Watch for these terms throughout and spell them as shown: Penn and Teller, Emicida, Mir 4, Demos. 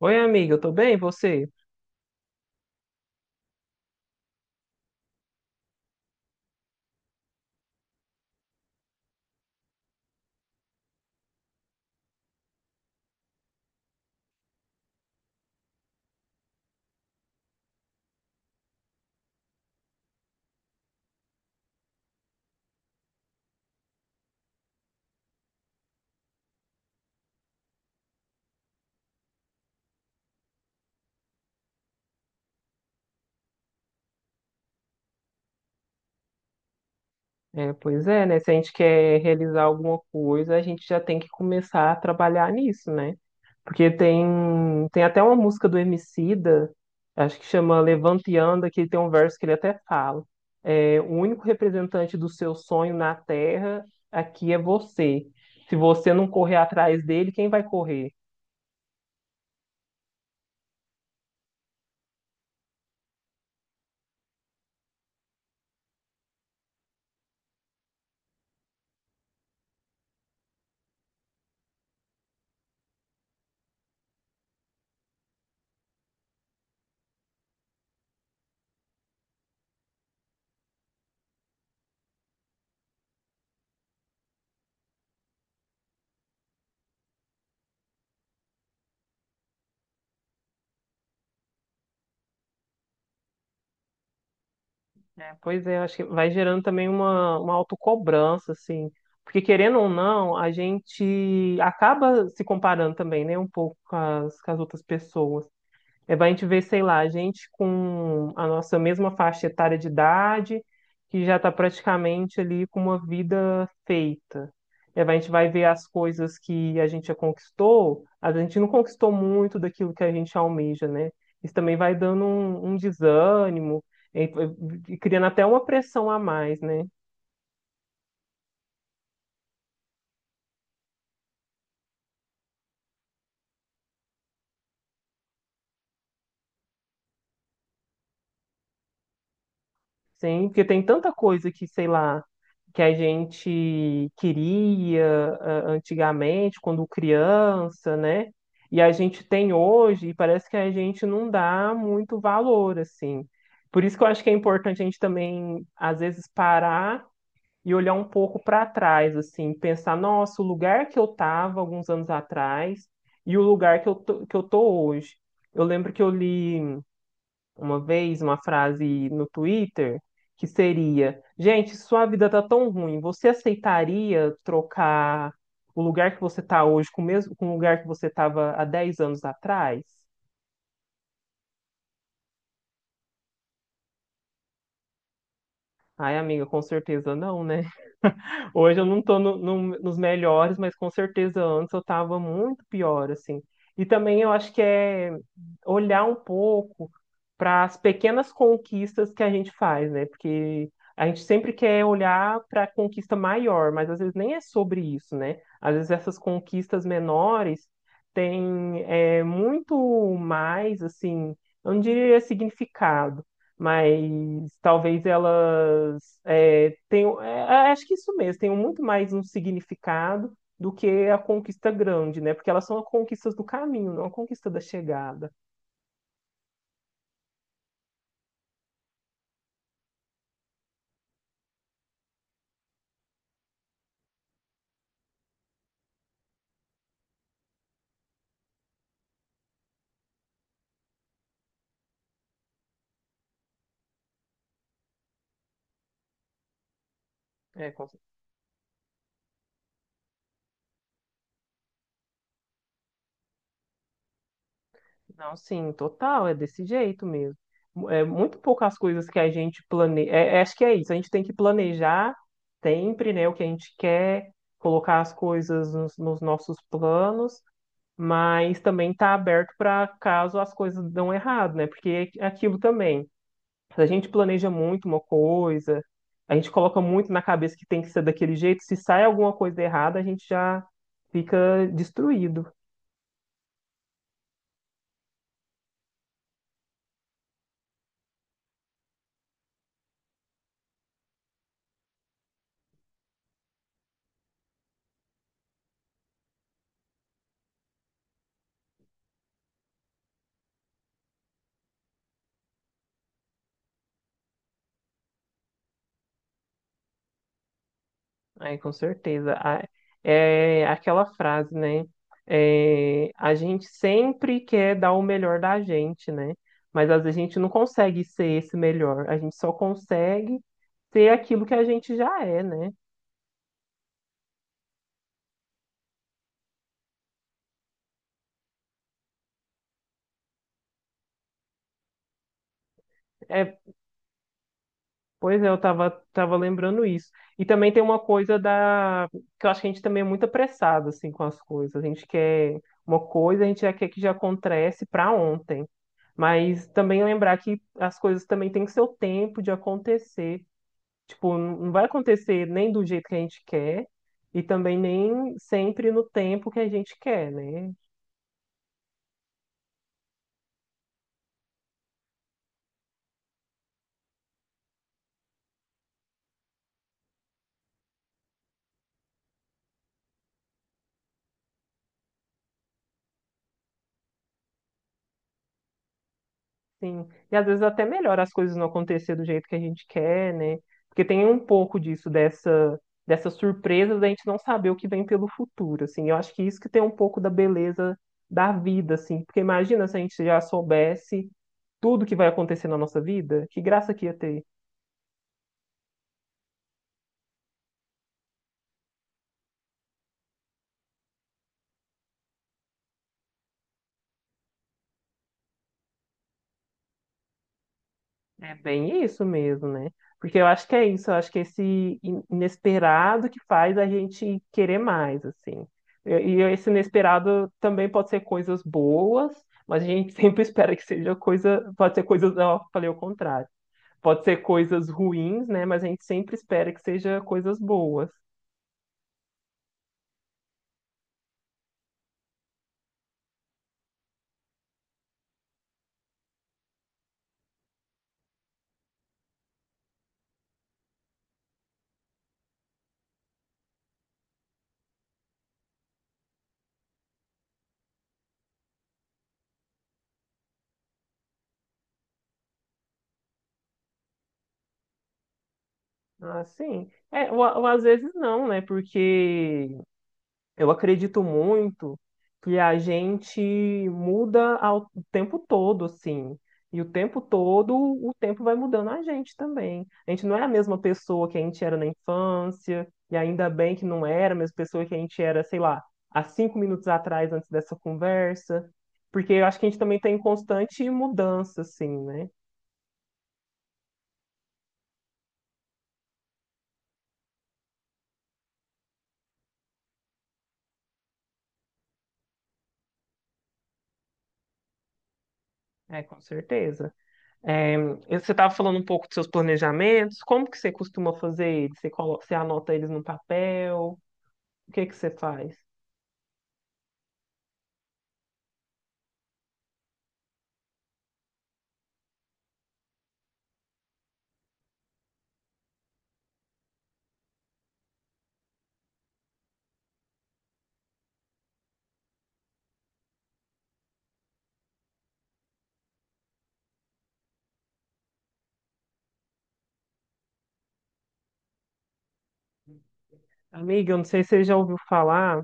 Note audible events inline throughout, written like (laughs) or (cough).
Oi, amiga, eu tô bem, e você? Pois é, né? Se a gente quer realizar alguma coisa, a gente já tem que começar a trabalhar nisso, né? Porque tem, tem até uma música do Emicida, acho que chama Levante e Anda, que tem um verso que ele até fala. O único representante do seu sonho na Terra aqui é você. Se você não correr atrás dele, quem vai correr? Pois é, acho que vai gerando também uma autocobrança, assim. Porque querendo ou não, a gente acaba se comparando também, né, um pouco com as outras pessoas. Vai a gente ver, sei lá, gente com a nossa mesma faixa etária de idade, que já está praticamente ali com uma vida feita. Vai a gente vai ver as coisas que a gente já conquistou, a gente não conquistou muito daquilo que a gente almeja, né? Isso também vai dando um desânimo, e, e criando até uma pressão a mais, né? Sim, porque tem tanta coisa que, sei lá, que a gente queria antigamente, quando criança, né? E a gente tem hoje, e parece que a gente não dá muito valor, assim. Por isso que eu acho que é importante a gente também, às vezes, parar e olhar um pouco para trás, assim, pensar, nossa, o lugar que eu estava alguns anos atrás e o lugar que eu tô hoje. Eu lembro que eu li uma vez uma frase no Twitter que seria: gente, sua vida tá tão ruim, você aceitaria trocar o lugar que você tá hoje com o lugar que você tava há 10 anos atrás? Ai, amiga, com certeza não, né? Hoje eu não tô nos melhores, mas com certeza antes eu tava muito pior, assim. E também eu acho que é olhar um pouco para as pequenas conquistas que a gente faz, né? Porque a gente sempre quer olhar para a conquista maior, mas às vezes nem é sobre isso, né? Às vezes essas conquistas menores têm muito mais, assim, eu não diria significado, mas talvez elas acho que isso mesmo, tenham muito mais um significado do que a conquista grande, né? Porque elas são as conquistas do caminho, não a conquista da chegada. É, com- cer- não, sim, total, é desse jeito mesmo. É muito poucas coisas que a gente planeja. Acho que é isso, a gente tem que planejar sempre, né, o que a gente quer, colocar as coisas nos nossos planos, mas também está aberto para caso as coisas dão errado, né? Porque é aquilo também. Se a gente planeja muito uma coisa, a gente coloca muito na cabeça que tem que ser daquele jeito, se sai alguma coisa errada, a gente já fica destruído. Aí, com certeza. É aquela frase, né? A gente sempre quer dar o melhor da gente, né? Mas às vezes a gente não consegue ser esse melhor, a gente só consegue ser aquilo que a gente já é, né? É Pois é, tava lembrando isso. E também tem uma coisa da... que eu acho que a gente também é muito apressado, assim, com as coisas. A gente quer uma coisa, a gente já quer que já acontece para ontem. Mas também lembrar que as coisas também têm seu tempo de acontecer. Tipo, não vai acontecer nem do jeito que a gente quer e também nem sempre no tempo que a gente quer, né? Sim. E às vezes até melhor as coisas não acontecer do jeito que a gente quer, né? Porque tem um pouco disso, dessa surpresa da gente não saber o que vem pelo futuro, assim. Eu acho que isso que tem um pouco da beleza da vida, assim. Porque imagina se a gente já soubesse tudo que vai acontecer na nossa vida, que graça que ia ter. É bem isso mesmo, né? Porque eu acho que é isso, eu acho que é inesperado que faz a gente querer mais, assim. E esse inesperado também pode ser coisas boas, mas a gente (laughs) sempre espera que seja coisa, pode ser coisas, ó, falei o contrário. Pode ser coisas ruins, né? Mas a gente sempre espera que seja coisas boas. Ah, sim. Ou às vezes não, né? Porque eu acredito muito que a gente muda o tempo todo, assim. E o tempo todo, o tempo vai mudando a gente também. A gente não é a mesma pessoa que a gente era na infância, e ainda bem que não era a mesma pessoa que a gente era, sei lá, há 5 minutos atrás, antes dessa conversa. Porque eu acho que a gente também está em constante mudança, assim, né? É, com certeza. É, você estava falando um pouco dos seus planejamentos, como que você costuma fazer eles? Você anota eles no papel? O que que você faz? Amiga, eu não sei se você já ouviu falar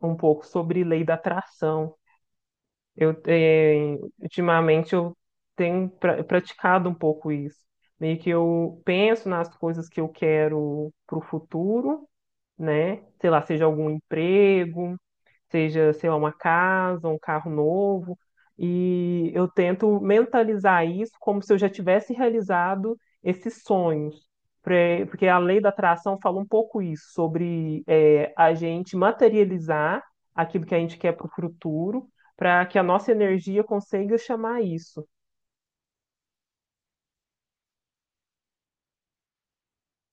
um pouco sobre lei da atração. Ultimamente eu praticado um pouco isso. Meio que eu penso nas coisas que eu quero para o futuro, né? Sei lá, seja algum emprego, seja, sei lá, uma casa, um carro novo, e eu tento mentalizar isso como se eu já tivesse realizado esses sonhos. Porque a lei da atração fala um pouco isso, sobre a gente materializar aquilo que a gente quer para o futuro, para que a nossa energia consiga chamar isso.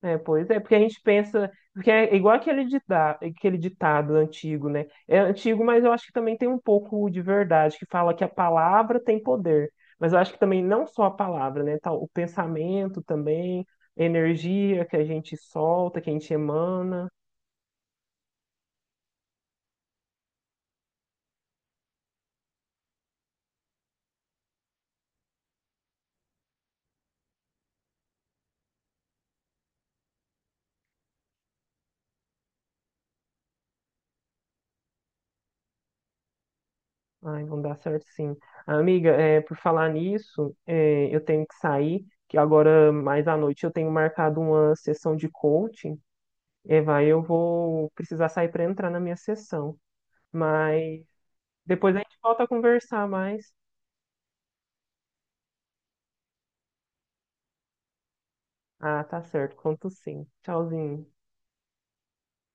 Pois é, porque a gente pensa, porque é igual aquele ditado antigo, né? É antigo, mas eu acho que também tem um pouco de verdade, que fala que a palavra tem poder. Mas eu acho que também não só a palavra, né? Tal, o pensamento também, a energia que a gente solta, que a gente emana. Ai, vão dar certo sim. Amiga, por falar nisso, eu tenho que sair, que agora mais à noite eu tenho marcado uma sessão de coaching. Eu vou precisar sair para entrar na minha sessão. Mas depois a gente volta a conversar mais. Ah, tá certo. Conto sim. Tchauzinho.